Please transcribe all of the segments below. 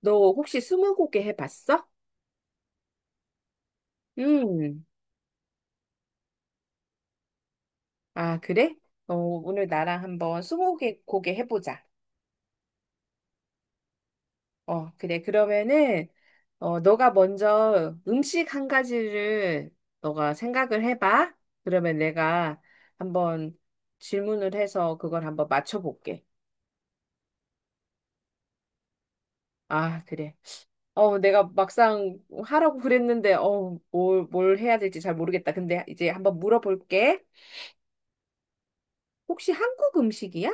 너 혹시 스무고개 해봤어? 음, 아, 그래? 오늘 나랑 한번 스무고개 고개 해보자. 어, 그래. 그러면은, 너가 먼저 음식 한 가지를 너가 생각을 해봐. 그러면 내가 한번 질문을 해서 그걸 한번 맞춰볼게. 아, 그래. 내가 막상 하라고 그랬는데, 뭘 해야 될지 잘 모르겠다. 근데 이제 한번 물어볼게. 혹시 한국 음식이야?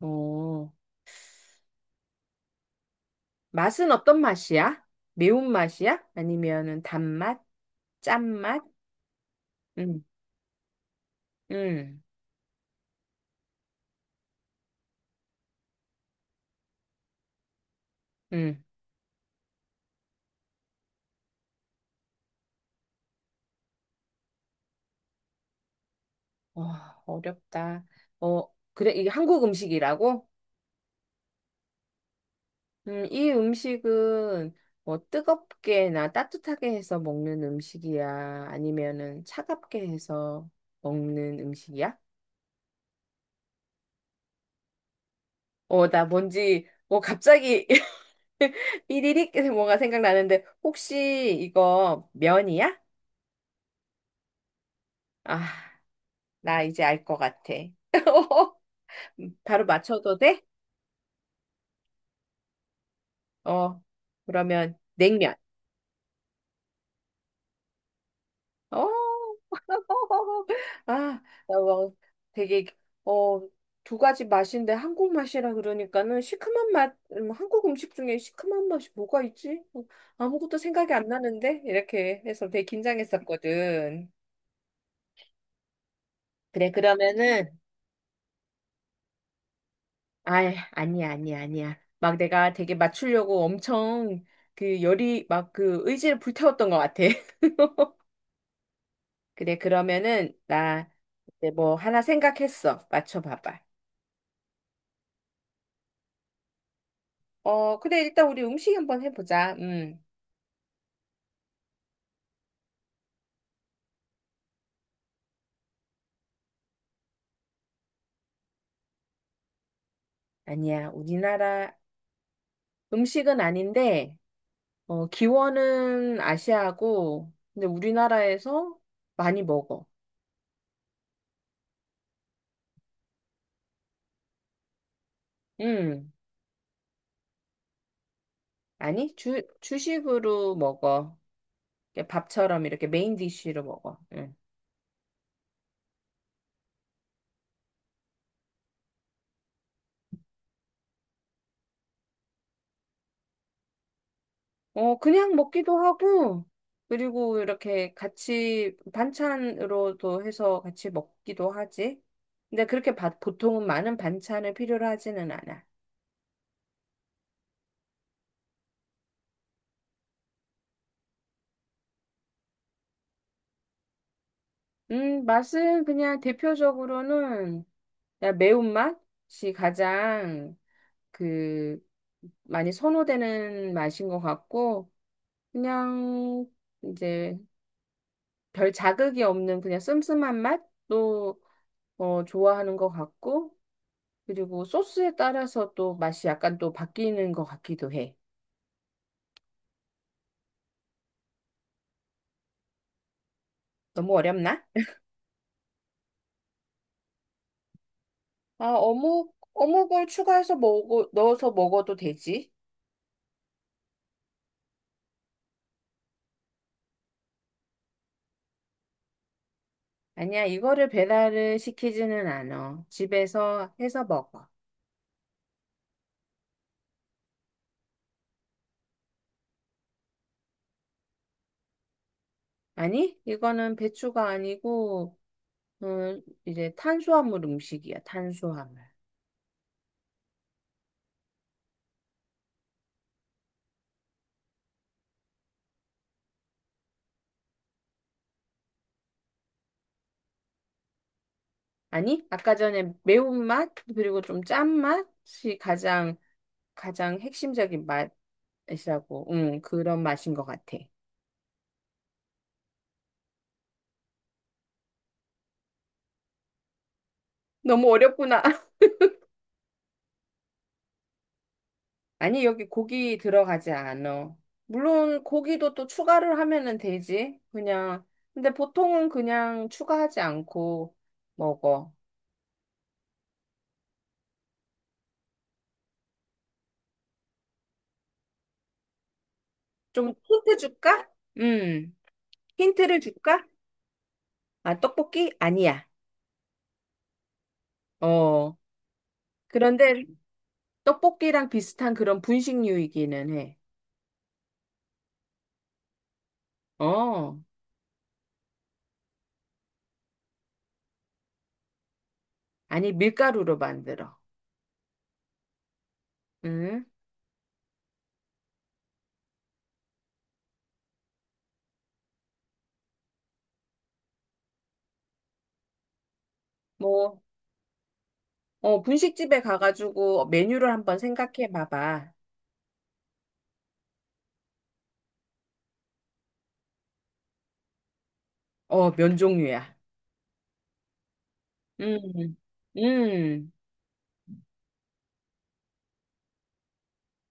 어. 맛은 어떤 맛이야? 매운맛이야? 아니면은 단맛? 짠맛? 음, 음, 음. 와, 어렵다. 어, 그래, 이게 한국 음식이라고? 이 음식은 뭐 뜨겁게나 따뜻하게 해서 먹는 음식이야? 아니면은 차갑게 해서 먹는 음식이야? 나 뭔지, 갑자기 이리릭 뭔가 생각나는데, 혹시 이거 면이야? 아. 나 이제 알 것 같아. 바로 맞춰도 돼? 어, 그러면 냉면. 어, 아, 나 뭐, 되게, 어, 두 가지 맛인데 한국 맛이라 그러니까는 시큼한 맛, 한국 음식 중에 시큼한 맛이 뭐가 있지? 어, 아무것도 생각이 안 나는데? 이렇게 해서 되게 긴장했었거든. 그래, 그러면은, 아, 아니야. 막 내가 되게 맞추려고 엄청 그 열이 막 그 의지를 불태웠던 것 같아. 그래, 그러면은, 나, 이제 뭐, 하나 생각했어. 맞춰봐봐. 어, 그래, 일단 우리 음식 한번 해보자. 음. 아니야, 우리나라 음식은 아닌데, 기원은 아시아고, 근데 우리나라에서 많이 먹어. 음. 아니, 주식으로 먹어. 이렇게 밥처럼 이렇게 메인 디쉬로 먹어. 응. 어, 그냥 먹기도 하고, 그리고 이렇게 같이 반찬으로도 해서 같이 먹기도 하지. 근데 그렇게 보통은 많은 반찬을 필요로 하지는 않아. 맛은 그냥 대표적으로는 그냥 매운맛이 가장 그 많이 선호되는 맛인 것 같고, 그냥 이제 별 자극이 없는 그냥 씀씀한 맛도 좋아하는 것 같고, 그리고 소스에 따라서 또 맛이 약간 또 바뀌는 것 같기도 해. 너무 어렵나? 아, 어묵을 추가해서 먹어, 넣어서 먹어도 되지? 아니야, 이거를 배달을 시키지는 않아. 집에서 해서 먹어. 아니, 이거는 배추가 아니고, 이제 탄수화물 음식이야, 탄수화물. 아니, 아까 전에 매운맛, 그리고 좀 짠맛이 가장, 가장 핵심적인 맛이라고, 그런 맛인 것 같아. 너무 어렵구나. 아니, 여기 고기 들어가지 않아. 물론 고기도 또 추가를 하면은 되지. 그냥. 근데 보통은 그냥 추가하지 않고 먹어. 좀 힌트 줄까? 음. 힌트를 줄까? 아, 떡볶이? 아니야. 어. 그런데 떡볶이랑 비슷한 그런 분식류이기는 해. 어. 아니, 밀가루로 만들어. 음. 뭐, 분식집에 가가지고 메뉴를 한번 생각해 봐봐. 어, 면 종류야. 음, 음,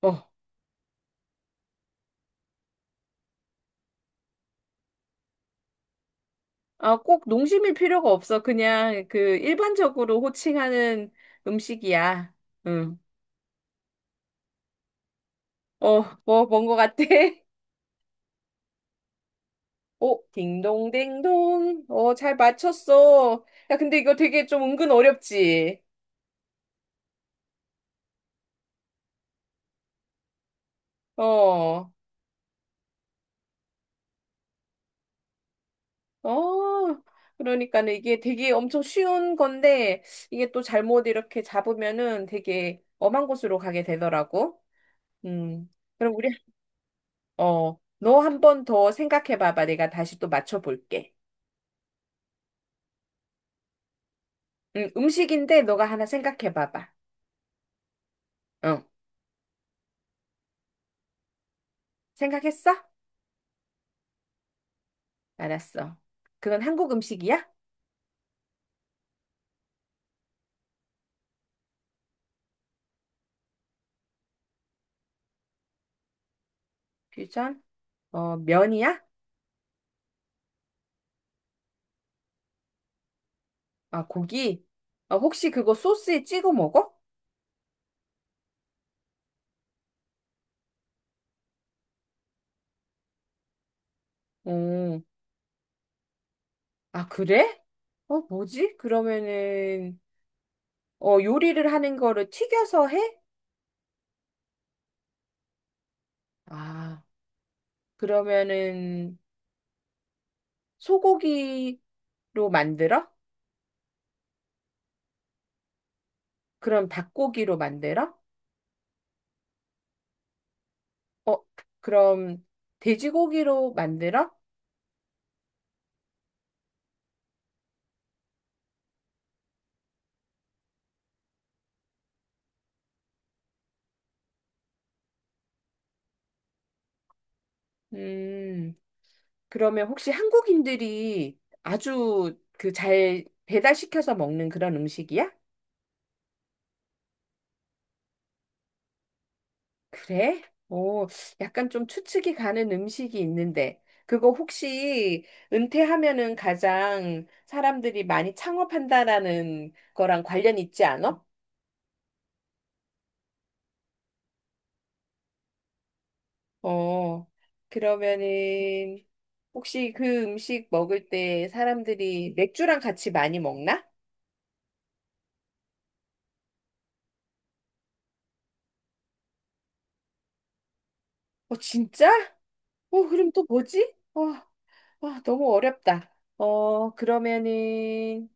어. 아, 꼭 농심일 필요가 없어. 그냥 그 일반적으로 호칭하는 음식이야. 응. 어, 뭔 것 같아? 오, 딩동댕동. 어, 잘 맞췄어. 야, 근데 이거 되게 좀 은근 어렵지? 어, 어. 그러니까는 이게 되게 엄청 쉬운 건데, 이게 또 잘못 이렇게 잡으면은 되게 엄한 곳으로 가게 되더라고. 음. 그럼 우리 너 한번 더 생각해 봐봐. 내가 다시 또 맞춰볼게. 음식인데 너가 하나 생각해 봐봐. 응. 생각했어? 알았어. 그건 한국 음식이야? 퓨전? 어, 면이야? 아, 고기? 어, 혹시 그거 소스에 찍어 먹어? 음, 아, 그래? 어, 뭐지? 그러면은, 요리를 하는 거를 튀겨서 해? 아, 그러면은, 소고기로 만들어? 그럼 닭고기로 만들어? 어, 그럼 돼지고기로 만들어? 음, 그러면 혹시 한국인들이 아주 그 잘 배달시켜서 먹는 그런 음식이야? 그래? 오, 약간 좀 추측이 가는 음식이 있는데, 그거 혹시 은퇴하면은 가장 사람들이 많이 창업한다라는 거랑 관련 있지 않아? 어, 그러면은 혹시 그 음식 먹을 때 사람들이 맥주랑 같이 많이 먹나? 어, 진짜? 어, 그럼 또 뭐지? 어, 아, 너무 어렵다. 어, 그러면은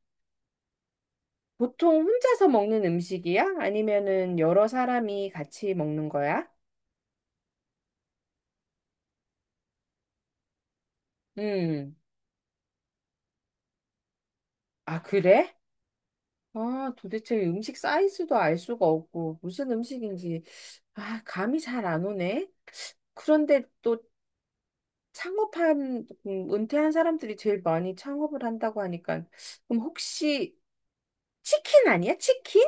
보통 혼자서 먹는 음식이야? 아니면은 여러 사람이 같이 먹는 거야? 음. 아, 그래? 아, 도대체 음식 사이즈도 알 수가 없고 무슨 음식인지 아, 감이 잘 안 오네. 그런데 또 창업한 은퇴한 사람들이 제일 많이 창업을 한다고 하니까 그럼 혹시 치킨 아니야? 치킨?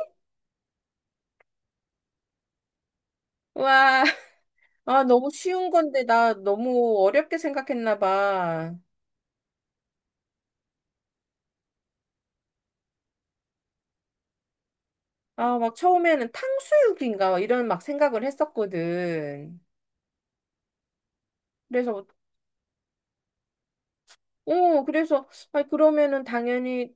와. 아, 너무 쉬운 건데, 나 너무 어렵게 생각했나 봐. 아, 막 처음에는 탕수육인가, 이런 막 생각을 했었거든. 그래서, 어, 그래서, 아, 그러면은 당연히,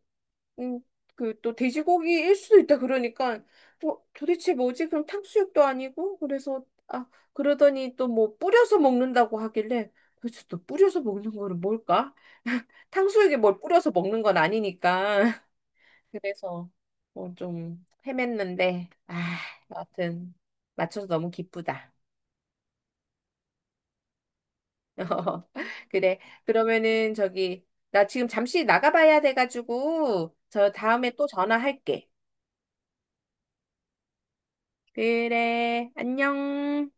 음, 그 또 돼지고기일 수도 있다. 그러니까, 어, 도대체 뭐지? 그럼 탕수육도 아니고? 그래서, 아, 그러더니 또 뭐 뿌려서 먹는다고 하길래, 도대체 또 뿌려서 먹는 거는 뭘까? 탕수육에 뭘 뿌려서 먹는 건 아니니까. 그래서 뭐 좀 헤맸는데, 아, 여하튼 맞춰서 너무 기쁘다. 그래. 그러면은 저기 나 지금 잠시 나가봐야 돼가지고 저 다음에 또 전화할게. 그래. 안녕.